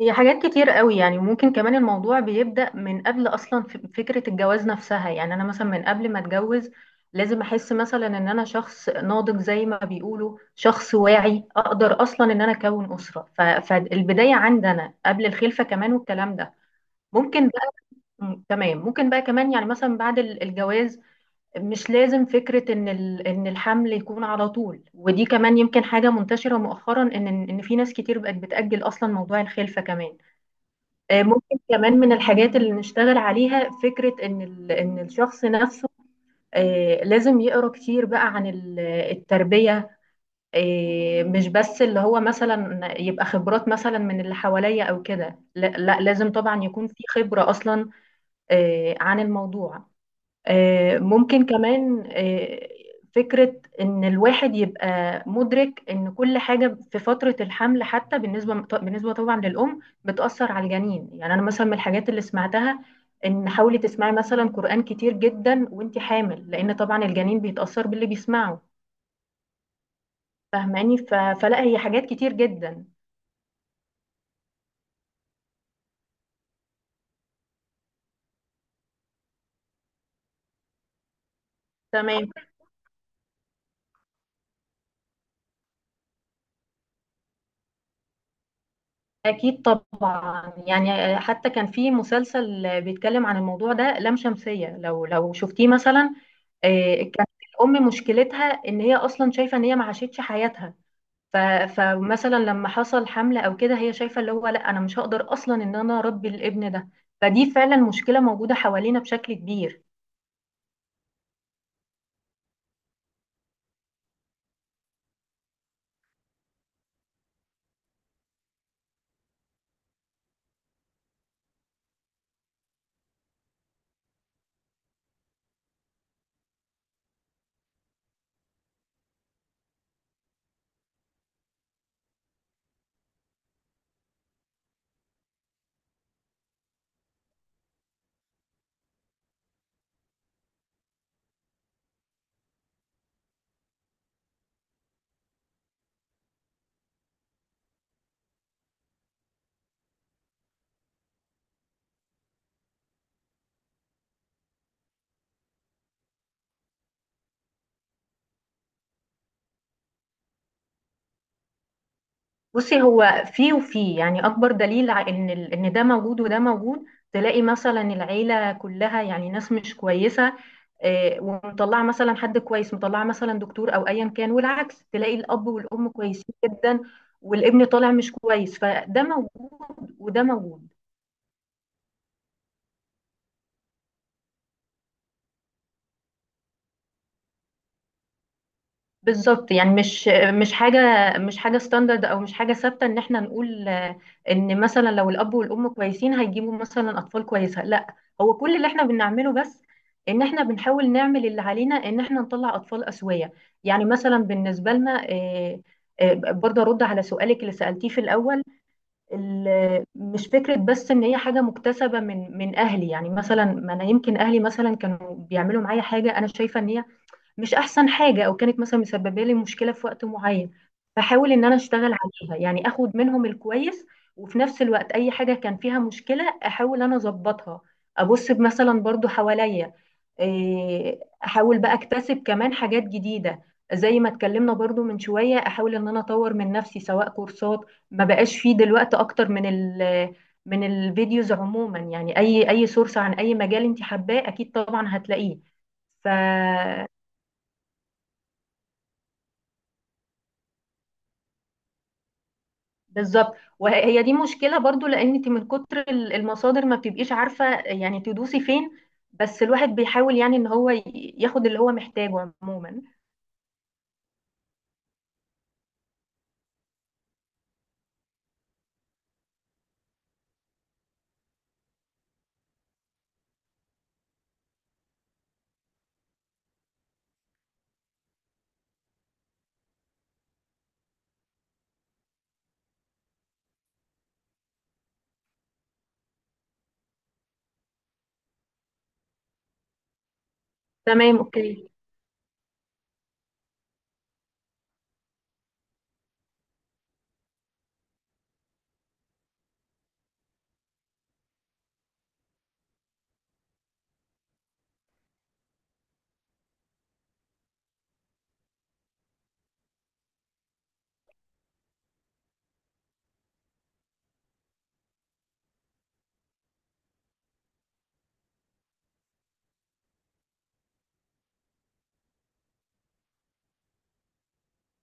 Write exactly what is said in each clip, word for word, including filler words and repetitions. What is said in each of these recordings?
هي حاجات كتير قوي. يعني ممكن كمان الموضوع بيبدأ من قبل أصلا، ف- فكرة الجواز نفسها. يعني أنا مثلا من قبل ما أتجوز لازم أحس مثلا إن أنا شخص ناضج زي ما بيقولوا، شخص واعي أقدر أصلا إن أنا أكون أسرة، ف- فالبداية عندي أنا قبل الخلفة كمان والكلام ده. ممكن بقى م- تمام، ممكن بقى كمان يعني مثلا بعد ال- الجواز مش لازم فكرة إن ال- إن الحمل يكون على طول. ودي كمان يمكن حاجة منتشرة مؤخرا، إن إن في ناس كتير بقت بتأجل أصلا موضوع الخلفة كمان. آه، ممكن كمان من الحاجات اللي نشتغل عليها فكرة إن ال- إن الشخص نفسه آه، لازم يقرأ كتير بقى عن ال- التربية. آه، مش بس اللي هو مثلا يبقى خبرات مثلا من اللي حواليا أو كده. لا لا، لازم طبعا يكون في خبرة أصلا آه، عن الموضوع. آه، ممكن كمان آه، فكرة إن الواحد يبقى مدرك إن كل حاجة في فترة الحمل حتى بالنسبة بالنسبة طبعا للأم بتأثر على الجنين. يعني أنا مثلا من الحاجات اللي سمعتها إن حاولي تسمعي مثلا قرآن كتير جدا وإنتي حامل، لأن طبعا الجنين بيتأثر باللي بيسمعه، فاهماني؟ ف- فلا هي حاجات كتير جدا. تمام. أكيد طبعا. يعني حتى كان في مسلسل بيتكلم عن الموضوع ده، لام شمسية، لو لو شفتيه مثلا. آه، كانت الأم مشكلتها إن هي أصلا شايفة إن هي ما عاشتش حياتها. ف- فمثلا لما حصل حملة أو كده هي شايفة اللي هو لا، أنا مش هقدر أصلا إن أنا أربي الابن ده. فدي فعلا مشكلة موجودة حوالينا بشكل كبير. بصي، هو في وفي، يعني أكبر دليل ع- إن ال- إن ده موجود وده موجود. تلاقي مثلا العيلة كلها يعني ناس مش كويسة آه، ومطلعه مثلا حد كويس، مطلعه مثلا دكتور او ايا كان. والعكس، تلاقي الاب والام كويسين جدا والابن طالع مش كويس، فده موجود وده موجود. بالظبط. يعني مش مش حاجه مش حاجه ستاندرد او مش حاجه ثابته ان احنا نقول آه، ان مثلا لو الاب والام كويسين هيجيبوا مثلا اطفال كويسه، لا. هو كل اللي احنا بنعمله بس ان احنا بنحاول نعمل اللي علينا، ان احنا نطلع اطفال اسويه. يعني مثلا بالنسبه لنا آه، آه، برضه ارد على سؤالك اللي سالتيه في الاول. ال- مش فكرة بس ان هي حاجة مكتسبة من من اهلي. يعني مثلا ما انا يمكن اهلي مثلا كانوا بيعملوا معايا حاجة انا شايفة ان هي مش احسن حاجه، او كانت مثلا مسببه لي مشكله في وقت معين، بحاول ان انا اشتغل عليها. يعني اخد منهم الكويس، وفي نفس الوقت اي حاجه كان فيها مشكله احاول انا اظبطها. ابص مثلا برضو حواليا، إيه، احاول بقى اكتسب كمان حاجات جديده. زي ما اتكلمنا برضو من شويه، احاول ان انا اطور من نفسي سواء كورسات. ما بقاش فيه دلوقتي اكتر من ال من الفيديوز عموما. يعني اي اي سورس عن اي مجال انت حباه اكيد طبعا هتلاقيه. ف بالظبط. وهي دي مشكلة برضو، لأن انت من كتر ال- المصادر ما بتبقيش عارفة يعني تدوسي فين. بس الواحد بيحاول، يعني ان هو ي- ياخد اللي هو محتاجه عموما. تمام. اوكي.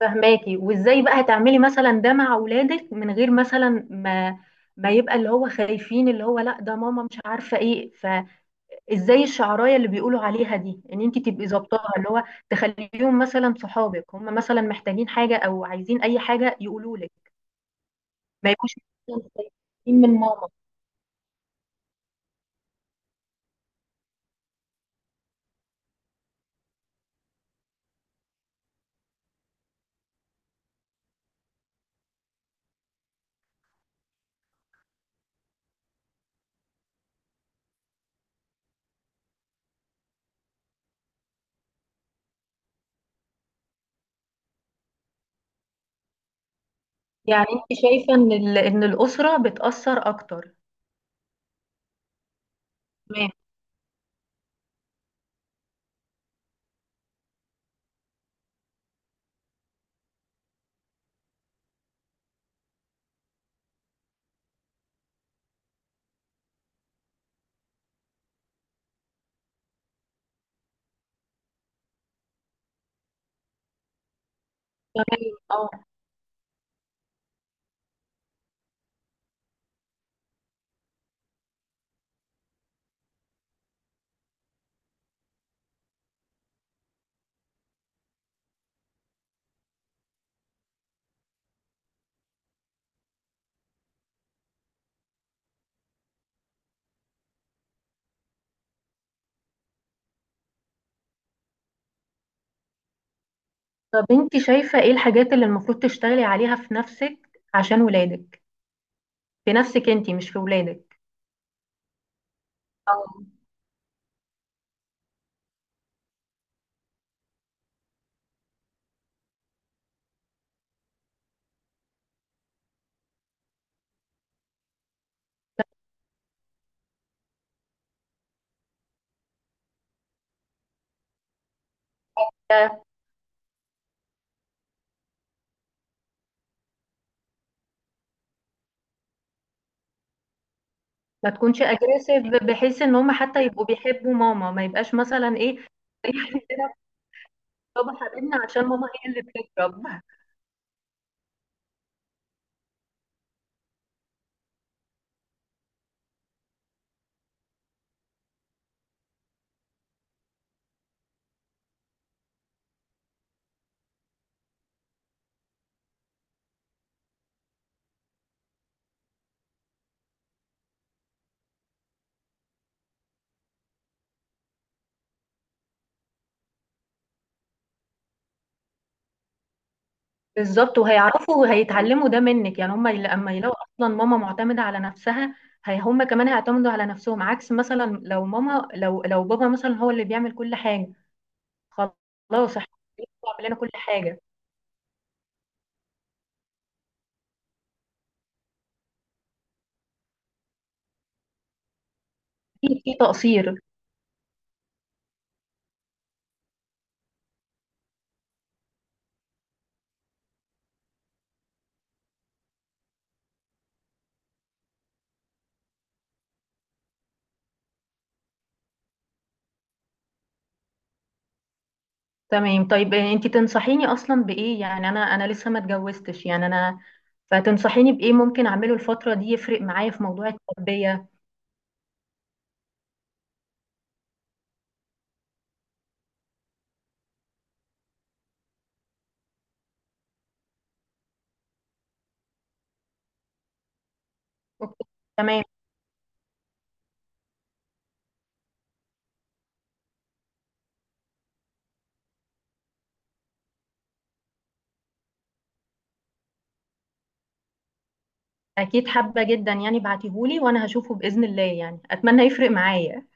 فهماكي؟ وازاي بقى هتعملي مثلا ده مع اولادك من غير مثلا ما ما يبقى اللي هو خايفين، اللي هو لا ده ماما مش عارفة ايه؟ فازاي الشعراية اللي بيقولوا عليها دي ان انت تبقي ظابطاها، اللي هو تخليهم مثلا صحابك، هم مثلا محتاجين حاجة او عايزين اي حاجة يقولوا لك، ما يبقوش مستفيدين من ماما. يعني انت شايفه ان ال- ان الاسره بتاثر اكتر. تمام. تمام، اه. طب انت شايفه ايه الحاجات اللي المفروض تشتغلي عليها في نفسك عشان ولادك؟ في نفسك انت، مش في ولادك. اه. لا- ما تكونش اجريسيف، بحيث ان هم حتى يبقوا بيحبوا ماما، ما يبقاش مثلا ايه. عندنا بابا حبيبنا عشان ماما هي اللي بتضرب. بالظبط. وهيعرفوا وهيتعلموا ده منك. يعني هم لما يلاقوا اصلا ماما معتمده على نفسها، هي هم كمان هيعتمدوا على نفسهم. عكس مثلا لو ماما، لو لو بابا مثلا هو اللي بيعمل كل حاجه، خلاص احنا بيعمل لنا كل حاجه. في في تقصير. تمام. طيب آه، انت تنصحيني اصلا بايه؟ يعني انا انا لسه ما اتجوزتش، يعني انا فتنصحيني بايه ممكن اعمله الفتره دي يفرق معايا في موضوع التربيه؟ أوكي، تمام. اكيد حابه جدا. يعني بعتيهولي وانا هشوفه باذن الله، يعني اتمنى يفرق معايا.